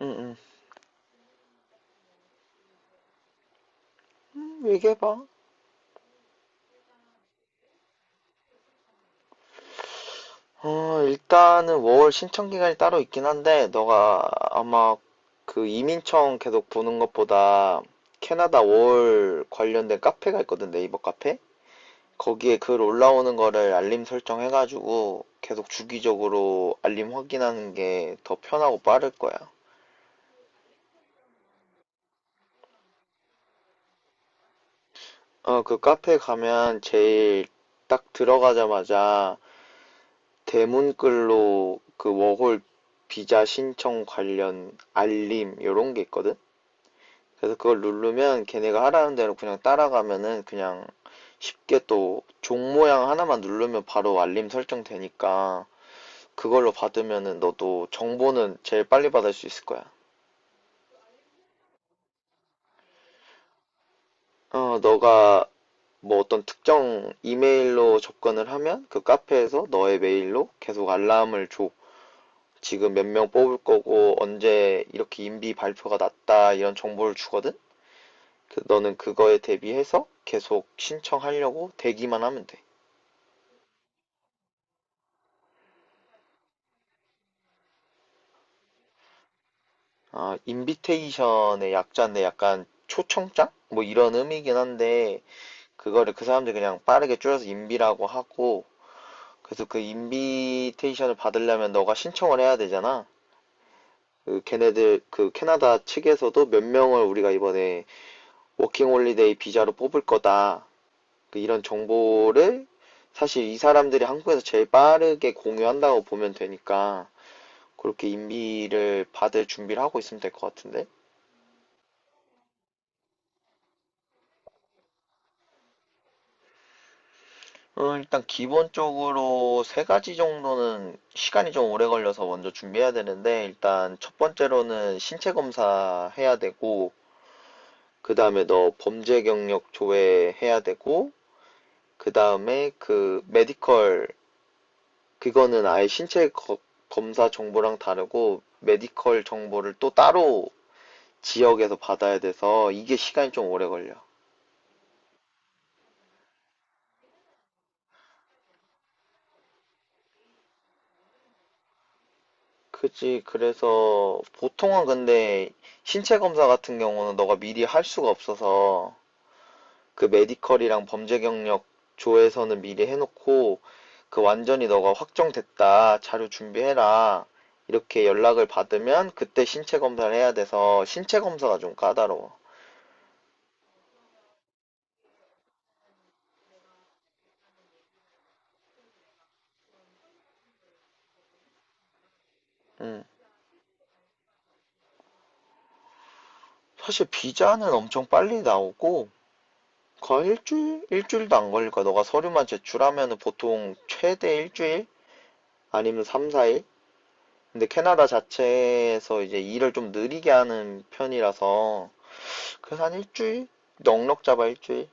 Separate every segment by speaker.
Speaker 1: 응, 응. 얘기해봐. 어, 일단은 월 신청 기간이 따로 있긴 한데, 너가 아마 그 이민청 계속 보는 것보다 캐나다 월 관련된 카페가 있거든, 네이버 카페? 거기에 글 올라오는 거를 알림 설정해가지고 계속 주기적으로 알림 확인하는 게 더 편하고 빠를 거야. 어, 그 카페 가면 제일 딱 들어가자마자 대문글로 그 워홀 비자 신청 관련 알림 요런 게 있거든. 그래서 그걸 누르면 걔네가 하라는 대로 그냥 따라가면은 그냥 쉽게 또 종 모양 하나만 누르면 바로 알림 설정 되니까 그걸로 받으면은 너도 정보는 제일 빨리 받을 수 있을 거야. 어, 너가 뭐 어떤 특정 이메일로 접근을 하면 그 카페에서 너의 메일로 계속 알람을 줘. 지금 몇 명 뽑을 거고 언제 이렇게 인비 발표가 났다 이런 정보를 주거든? 너는 그거에 대비해서 계속 신청하려고 대기만 하면 돼. 아, 인비테이션의 약자인데 약간 초청장? 뭐 이런 의미긴 한데 그거를 그 사람들이 그냥 빠르게 줄여서 인비라고 하고 그래서 그 인비테이션을 받으려면 너가 신청을 해야 되잖아. 그 걔네들 그 캐나다 측에서도 몇 명을 우리가 이번에 워킹 홀리데이 비자로 뽑을 거다. 그 이런 정보를 사실 이 사람들이 한국에서 제일 빠르게 공유한다고 보면 되니까 그렇게 인비를 받을 준비를 하고 있으면 될 것 같은데. 어, 일단 기본적으로 세 가지 정도는 시간이 좀 오래 걸려서 먼저 준비해야 되는데 일단 첫 번째로는 신체 검사 해야 되고 그 다음에 너 범죄 경력 조회 해야 되고 그 다음에 그 메디컬, 그거는 아예 신체 검사 정보랑 다르고 메디컬 정보를 또 따로 지역에서 받아야 돼서 이게 시간이 좀 오래 걸려. 그치. 그래서 보통은 근데 신체 검사 같은 경우는 너가 미리 할 수가 없어서 그 메디컬이랑 범죄 경력 조에서는 미리 해놓고 그 완전히 너가 확정됐다. 자료 준비해라. 이렇게 연락을 받으면 그때 신체 검사를 해야 돼서 신체 검사가 좀 까다로워. 음. 사실 비자는 엄청 빨리 나오고 거의 일주일? 일주일도 안 걸릴 거야. 너가 서류만 제출하면은 보통 최대 일주일? 아니면 3, 4일? 근데 캐나다 자체에서 이제 일을 좀 느리게 하는 편이라서 그래서 한 일주일? 넉넉 잡아 일주일?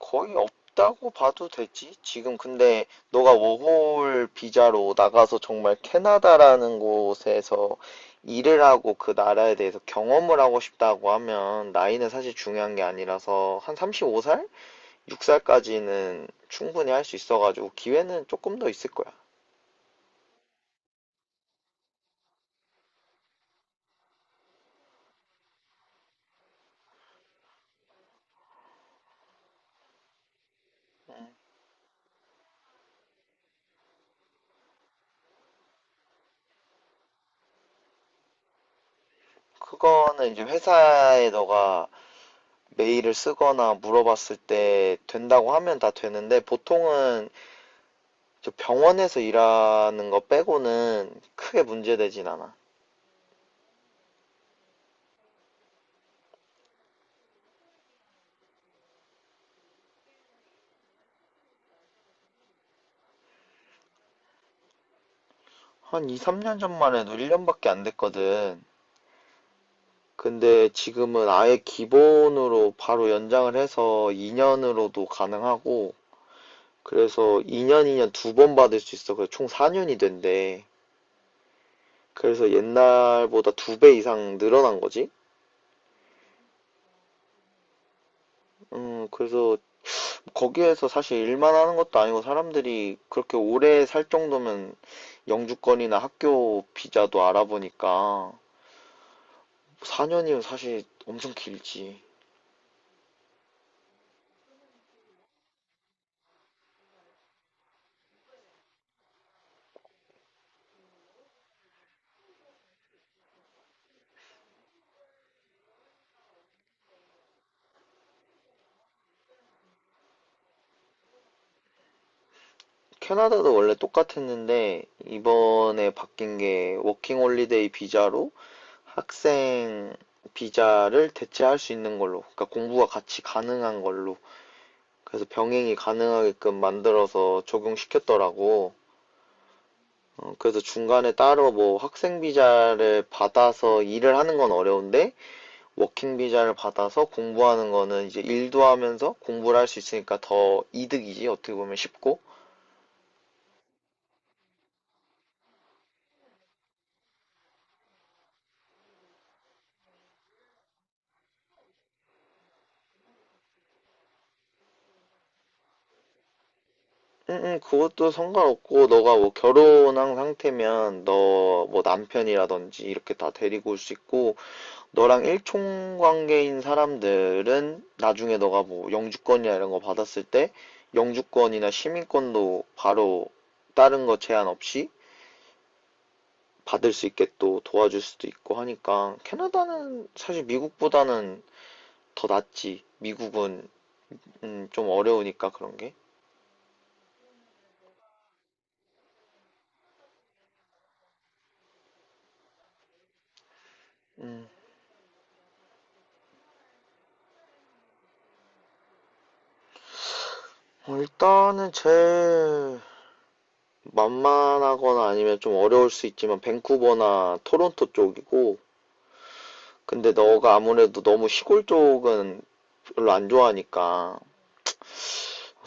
Speaker 1: 거의 없다고 봐도 되지. 지금 근데 너가 워홀 비자로 나가서 정말 캐나다라는 곳에서 일을 하고 그 나라에 대해서 경험을 하고 싶다고 하면 나이는 사실 중요한 게 아니라서 한 35살? 6살까지는 충분히 할 수 있어가지고 기회는 조금 더 있을 거야. 그거는 이제 회사에 너가 메일을 쓰거나 물어봤을 때 된다고 하면 다 되는데 보통은 저 병원에서 일하는 거 빼고는 크게 문제되진 않아. 한 2, 3년 전만 해도 1년밖에 안 됐거든. 근데 지금은 아예 기본으로 바로 연장을 해서 2년으로도 가능하고, 그래서 2년, 2년 두 번 받을 수 있어. 그래서 총 4년이 된대. 그래서 옛날보다 두 배 이상 늘어난 거지? 그래서 거기에서 사실 일만 하는 것도 아니고 사람들이 그렇게 오래 살 정도면 영주권이나 학교 비자도 알아보니까 4년이면 사실 엄청 길지. 캐나다도 원래 똑같았는데 이번에 바뀐 게 워킹 홀리데이 비자로 학생 비자를 대체할 수 있는 걸로, 그러니까 공부가 같이 가능한 걸로. 그래서 병행이 가능하게끔 만들어서 적용시켰더라고. 어, 그래서 중간에 따로 뭐 학생 비자를 받아서 일을 하는 건 어려운데 워킹 비자를 받아서 공부하는 거는 이제 일도 하면서 공부를 할 수 있으니까 더 이득이지. 어떻게 보면 쉽고. 응응 그것도 상관없고 너가 뭐 결혼한 상태면 너 뭐 남편이라든지 이렇게 다 데리고 올 수 있고 너랑 일총 관계인 사람들은 나중에 너가 뭐 영주권이나 이런 거 받았을 때 영주권이나 시민권도 바로 다른 거 제한 없이 받을 수 있게 또 도와줄 수도 있고 하니까 캐나다는 사실 미국보다는 더 낫지. 미국은 좀 어려우니까 그런 게. 음, 어, 일단은 제 만만하거나 아니면 좀 어려울 수 있지만 밴쿠버나 토론토 쪽이고 근데 너가 아무래도 너무 시골 쪽은 별로 안 좋아하니까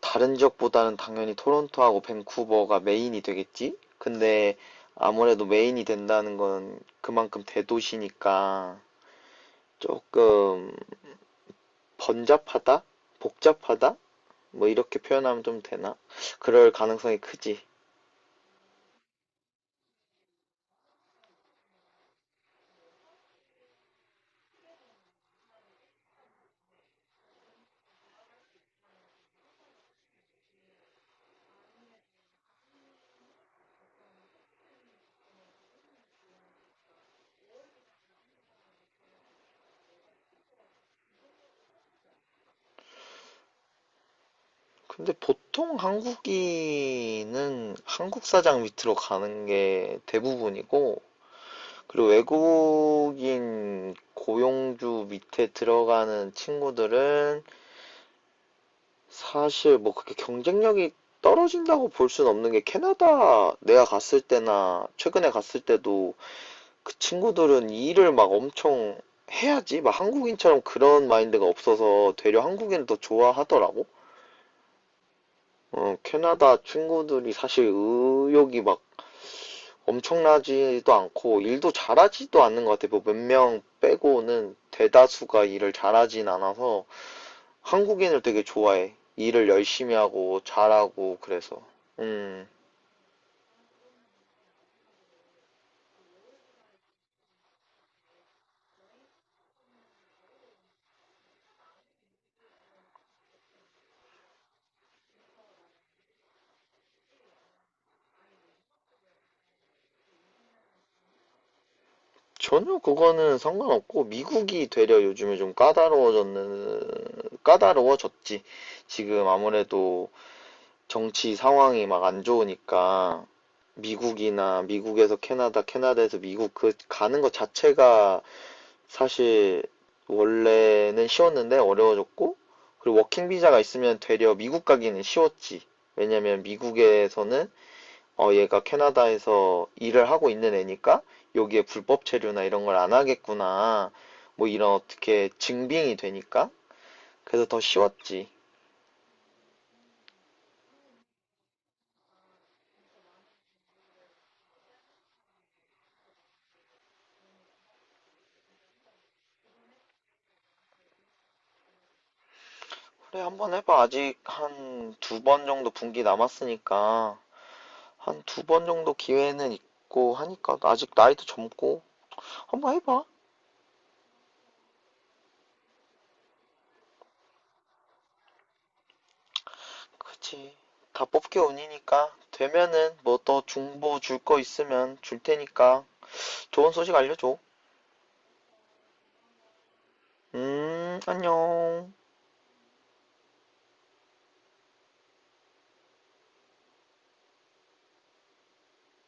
Speaker 1: 다른 지역보다는 당연히 토론토하고 밴쿠버가 메인이 되겠지? 근데 아무래도 메인이 된다는 건 그만큼 대도시니까 조금 번잡하다? 복잡하다? 뭐 이렇게 표현하면 좀 되나? 그럴 가능성이 크지. 근데 보통 한국인은 한국 사장 밑으로 가는 게 대부분이고, 그리고 외국인 고용주 밑에 들어가는 친구들은 사실 뭐 그렇게 경쟁력이 떨어진다고 볼 수는 없는 게 캐나다 내가 갔을 때나 최근에 갔을 때도 그 친구들은 일을 막 엄청 해야지. 막 한국인처럼 그런 마인드가 없어서 되려 한국인을 더 좋아하더라고. 어, 캐나다 친구들이 사실 의욕이 막 엄청나지도 않고 일도 잘하지도 않는 것 같아요. 뭐 몇 명 빼고는 대다수가 일을 잘하진 않아서 한국인을 되게 좋아해. 일을 열심히 하고 잘하고 그래서. 음, 전혀 그거는 상관없고 미국이 되려 요즘에 좀 까다로워졌는 까다로워졌지. 지금 아무래도 정치 상황이 막 안 좋으니까 미국이나 미국에서 캐나다, 캐나다에서 미국 그 가는 것 자체가 사실 원래는 쉬웠는데 어려워졌고 그리고 워킹 비자가 있으면 되려 미국 가기는 쉬웠지. 왜냐면 미국에서는 어 얘가 캐나다에서 일을 하고 있는 애니까 여기에 불법 체류나 이런 걸 안 하겠구나. 뭐 이런 어떻게 증빙이 되니까. 그래서 더 쉬웠지. 그래, 한번 해봐. 아직 한 두 번 정도 분기 남았으니까 한 두 번 정도 기회는 있고 하니까 아직 나이도 젊고 한번 해봐. 그치. 다 뽑기 운이니까. 되면은 뭐 또 중보 줄 거 있으면 줄 테니까. 좋은 소식 알려줘. 안녕.